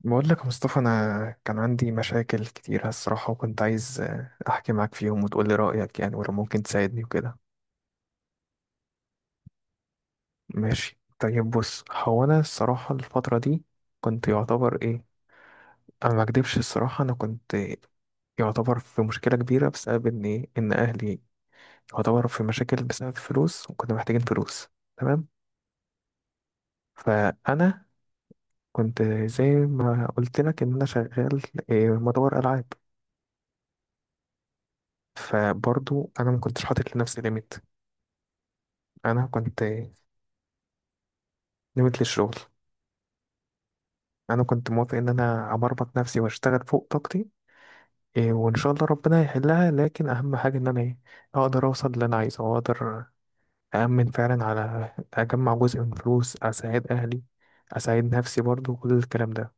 بقول لك يا مصطفى، انا كان عندي مشاكل كتير الصراحه، وكنت عايز احكي معاك فيهم وتقول لي رايك يعني، ولو ممكن تساعدني وكده. ماشي طيب، بص هو انا الصراحه الفتره دي كنت يعتبر ايه، انا ما اكدبش الصراحه، انا كنت يعتبر في مشكله كبيره بسبب ان ان اهلي يعتبر في مشاكل بسبب فلوس، وكنا محتاجين فلوس، تمام. فانا كنت زي ما قلت لك ان انا شغال، مطور العاب. فبرضو انا ما كنتش حاطط لنفسي ليميت، انا كنت نمت للشغل، انا كنت موافق ان انا ابربط نفسي واشتغل فوق طاقتي، وان شاء الله ربنا يحلها، لكن اهم حاجه ان انا اقدر اوصل اللي انا عايزه، واقدر اامن فعلا على اجمع جزء من فلوس اساعد اهلي، اساعد نفسي برضو كل الكلام ده.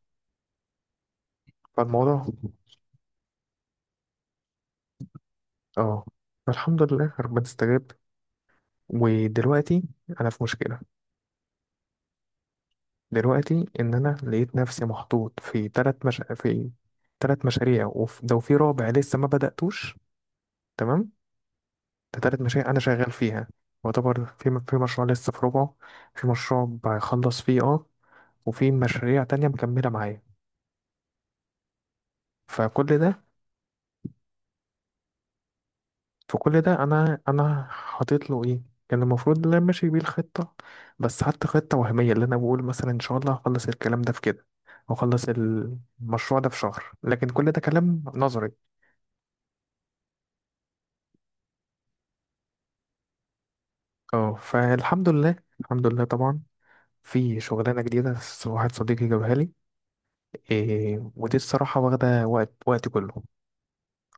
فالموضوع، اه فالحمد لله ربنا استجاب. ودلوقتي انا في مشكله دلوقتي، ان انا لقيت نفسي محطوط في ثلاث مش... في ثلاث مشاريع، وفي رابع لسه ما بداتوش، تمام. ده تالت مشاريع أنا شغال فيها، يعتبر في مشروع لسه في ربعه، في مشروع بخلص فيه، وفي مشاريع تانية مكملة معايا. فكل ده في كل ده أنا حاطط له إيه، كان المفروض إن أنا ماشي بيه الخطة، بس حتى خطة وهمية اللي أنا بقول مثلا إن شاء الله هخلص الكلام ده في كده وأخلص المشروع ده في شهر، لكن كل ده كلام نظري. اه فالحمد لله الحمد لله طبعا، في شغلانة جديدة، واحد صديقي جابها لي، ودي الصراحة واخدة وقت وقتي كله.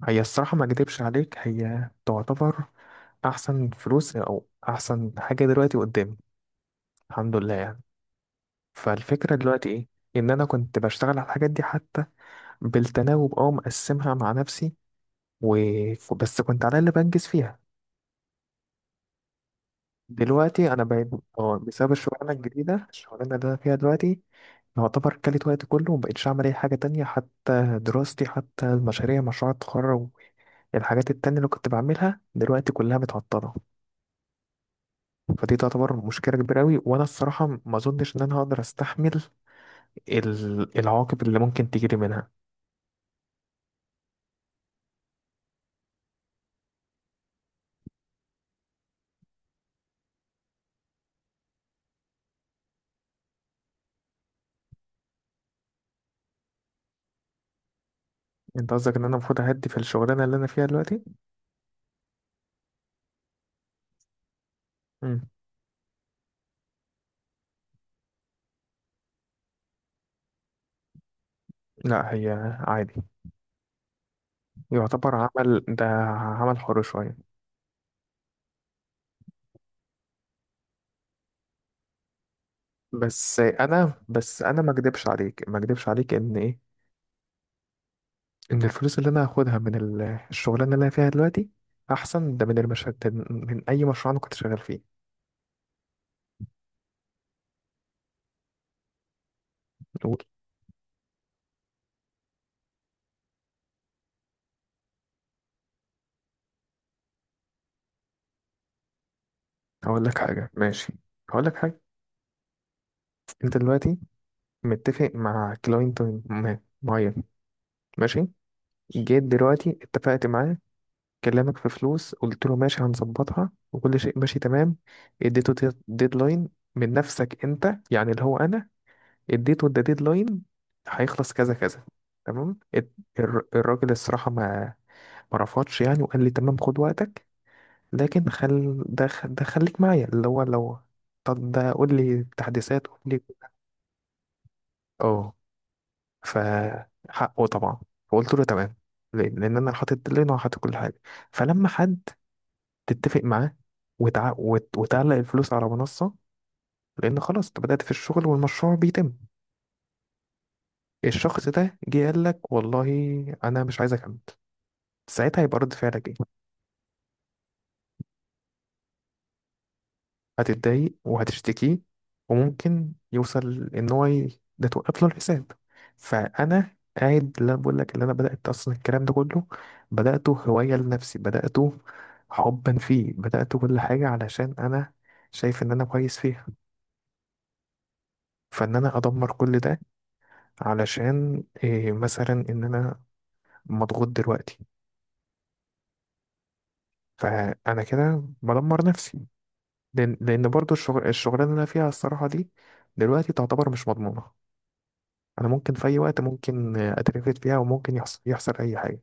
هي الصراحة ما اكدبش عليك، هي تعتبر احسن فلوس او احسن حاجة دلوقتي قدامي، الحمد لله يعني. فالفكرة دلوقتي ايه، ان انا كنت بشتغل على الحاجات دي حتى بالتناوب، مقسمها مع نفسي و... بس كنت على اللي بنجز فيها. دلوقتي انا بقيت، اه بسبب الشغلانة الجديدة، الشغلانة اللي انا فيها دلوقتي يعتبر كلت وقت كله، ومبقتش أعمل أي حاجة تانية، حتى دراستي حتى المشاريع مشروع التخرج، الحاجات التانية اللي كنت بعملها دلوقتي كلها متعطلة. فدي تعتبر مشكلة كبيرة أوي، وأنا الصراحة ما أظنش إن أنا هقدر أستحمل العواقب اللي ممكن تجيلي منها. أنت قصدك إن أنا المفروض أهدي في الشغلانة اللي أنا فيها دلوقتي؟ مم. لا، هي عادي، يعتبر عمل ده عمل حر شوية. بس أنا ما أكدبش عليك إن الفلوس اللي أنا هاخدها من الشغلانة اللي أنا فيها دلوقتي أحسن ده من المشهد من أي مشروع أنا كنت شغال فيه. قول، هقول لك حاجة ماشي، هقول لك حاجة. أنت دلوقتي متفق مع كلاينت معين، ماشي، جيت دلوقتي اتفقت معاه، كلمك في فلوس، قلت له ماشي هنظبطها وكل شيء ماشي تمام، اديته ديدلاين من نفسك انت، يعني اللي هو انا اديته ده ديدلاين، هيخلص كذا كذا، تمام. الراجل الصراحة ما رفضش يعني، وقال لي تمام خد وقتك، لكن خل ده خ- ده خليك معايا اللي هو لو، طب ده قول لي تحديثات، قول لي، اه فحقه طبعا، فقلت له تمام. ليه؟ لان انا حاطط ديدلاين وحاطط كل حاجه، فلما حد تتفق معاه وتعلق الفلوس على منصه، لان خلاص انت بدات في الشغل والمشروع بيتم، الشخص ده جه قال لك والله انا مش عايز اكمل، ساعتها هيبقى رد فعلك ايه؟ هتتضايق وهتشتكيه، وممكن يوصل ان هو ده توقف له الحساب. فانا قاعد، لا بقول لك اللي انا بدات اصلا، الكلام ده كله بداته هوايه لنفسي، بداته حبا فيه، بداته كل حاجه علشان انا شايف ان انا كويس فيها، فان انا ادمر كل ده علشان إيه، مثلا ان انا مضغوط دلوقتي، فانا كده بدمر نفسي. لأن برضو الشغل الشغلانه اللي انا فيها الصراحه دي دلوقتي تعتبر مش مضمونه، انا ممكن في اي وقت ممكن اترفد فيها، وممكن يحصل اي حاجه.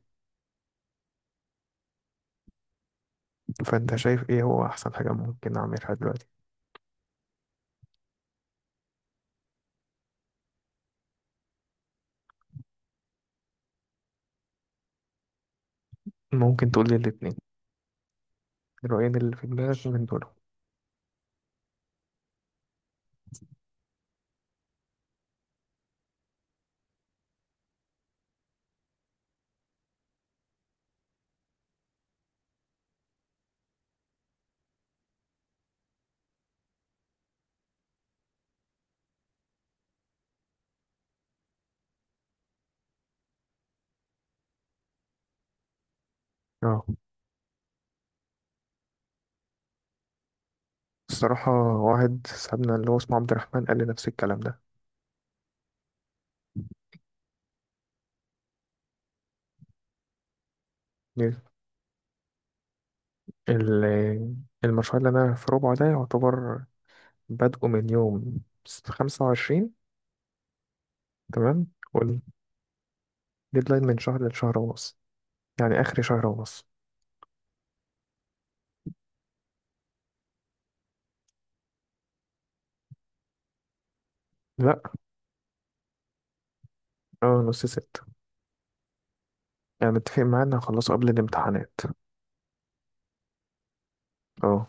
فانت شايف ايه هو احسن حاجه ممكن اعملها دلوقتي؟ ممكن تقول لي الاثنين، الرأيين اللي في دماغك من دول. اه الصراحه واحد صاحبنا اللي هو اسمه عبد الرحمن قال لي نفس الكلام ده. ليه؟ ال- المشروع اللي انا في ربعه ده يعتبر بادئه من يوم 25، تمام، والديدلاين من شهر لشهر ونص، يعني اخر شهر ونص. لا. اه، نص ست. يعني متفق معاه ان هخلصه قبل الامتحانات. اه،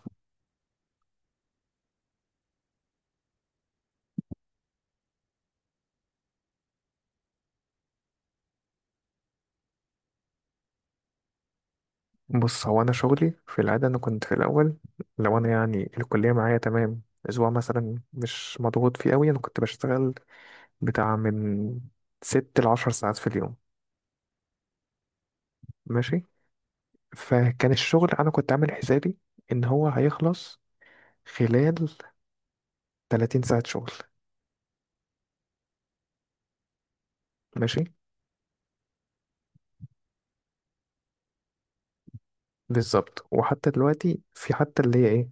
بص هو انا شغلي في العاده، انا كنت في الاول لو انا يعني الكليه معايا تمام، اسبوع مثلا مش مضغوط فيه قوي، انا كنت بشتغل بتاع من 6 لـ 10 ساعات في اليوم. ماشي، فكان الشغل انا كنت عامل حسابي ان هو هيخلص خلال 30 ساعه شغل. ماشي، بالظبط، وحتى دلوقتي في حتى اللي هي ايه،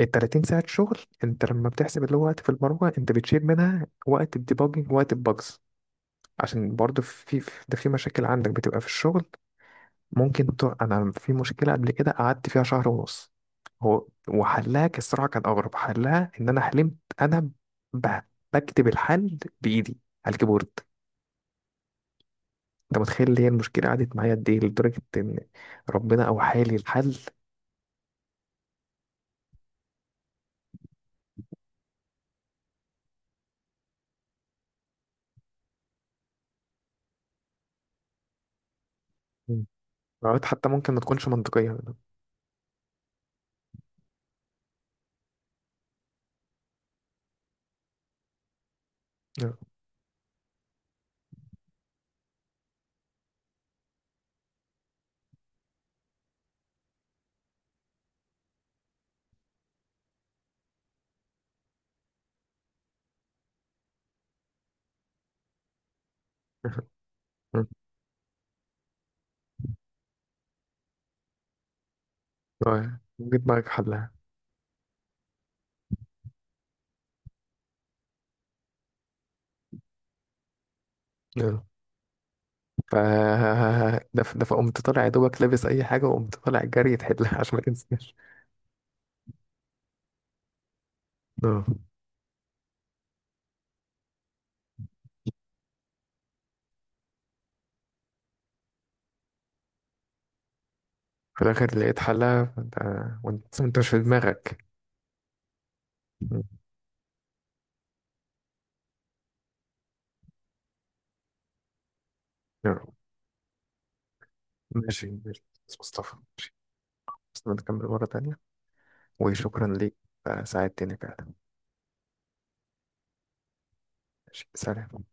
ال 30 ساعه شغل، انت لما بتحسب اللي هو وقت في البرمجه انت بتشيل منها وقت الديباجنج، وقت الباجز، عشان برضه ده في مشاكل عندك بتبقى في الشغل. انا في مشكله قبل كده قعدت فيها شهر ونص، هو وحلها، الصراحه كان اغرب حلها، ان انا حلمت انا ب... بكتب الحل بايدي على الكيبورد. انت متخيل اللي هي المشكله قعدت معايا قد ايه، لدرجه ان ربنا او حالي الحل. مم. قعدت حتى ممكن ما تكونش منطقيه. جيت معاك حلها. ف ده فقمت طالع يا دوبك لابس اي حاجه، وقمت طالع جري تحلها عشان ما تنساش. آه. في الاخر لقيت حلها، فانت وانت مش في دماغك. م. يا رب. ماشي، ماشي، بس مصطفى ماشي، بس نكمل مره تانية، وشكرا ليك، ساعدتني فعلا. ماشي، سلام.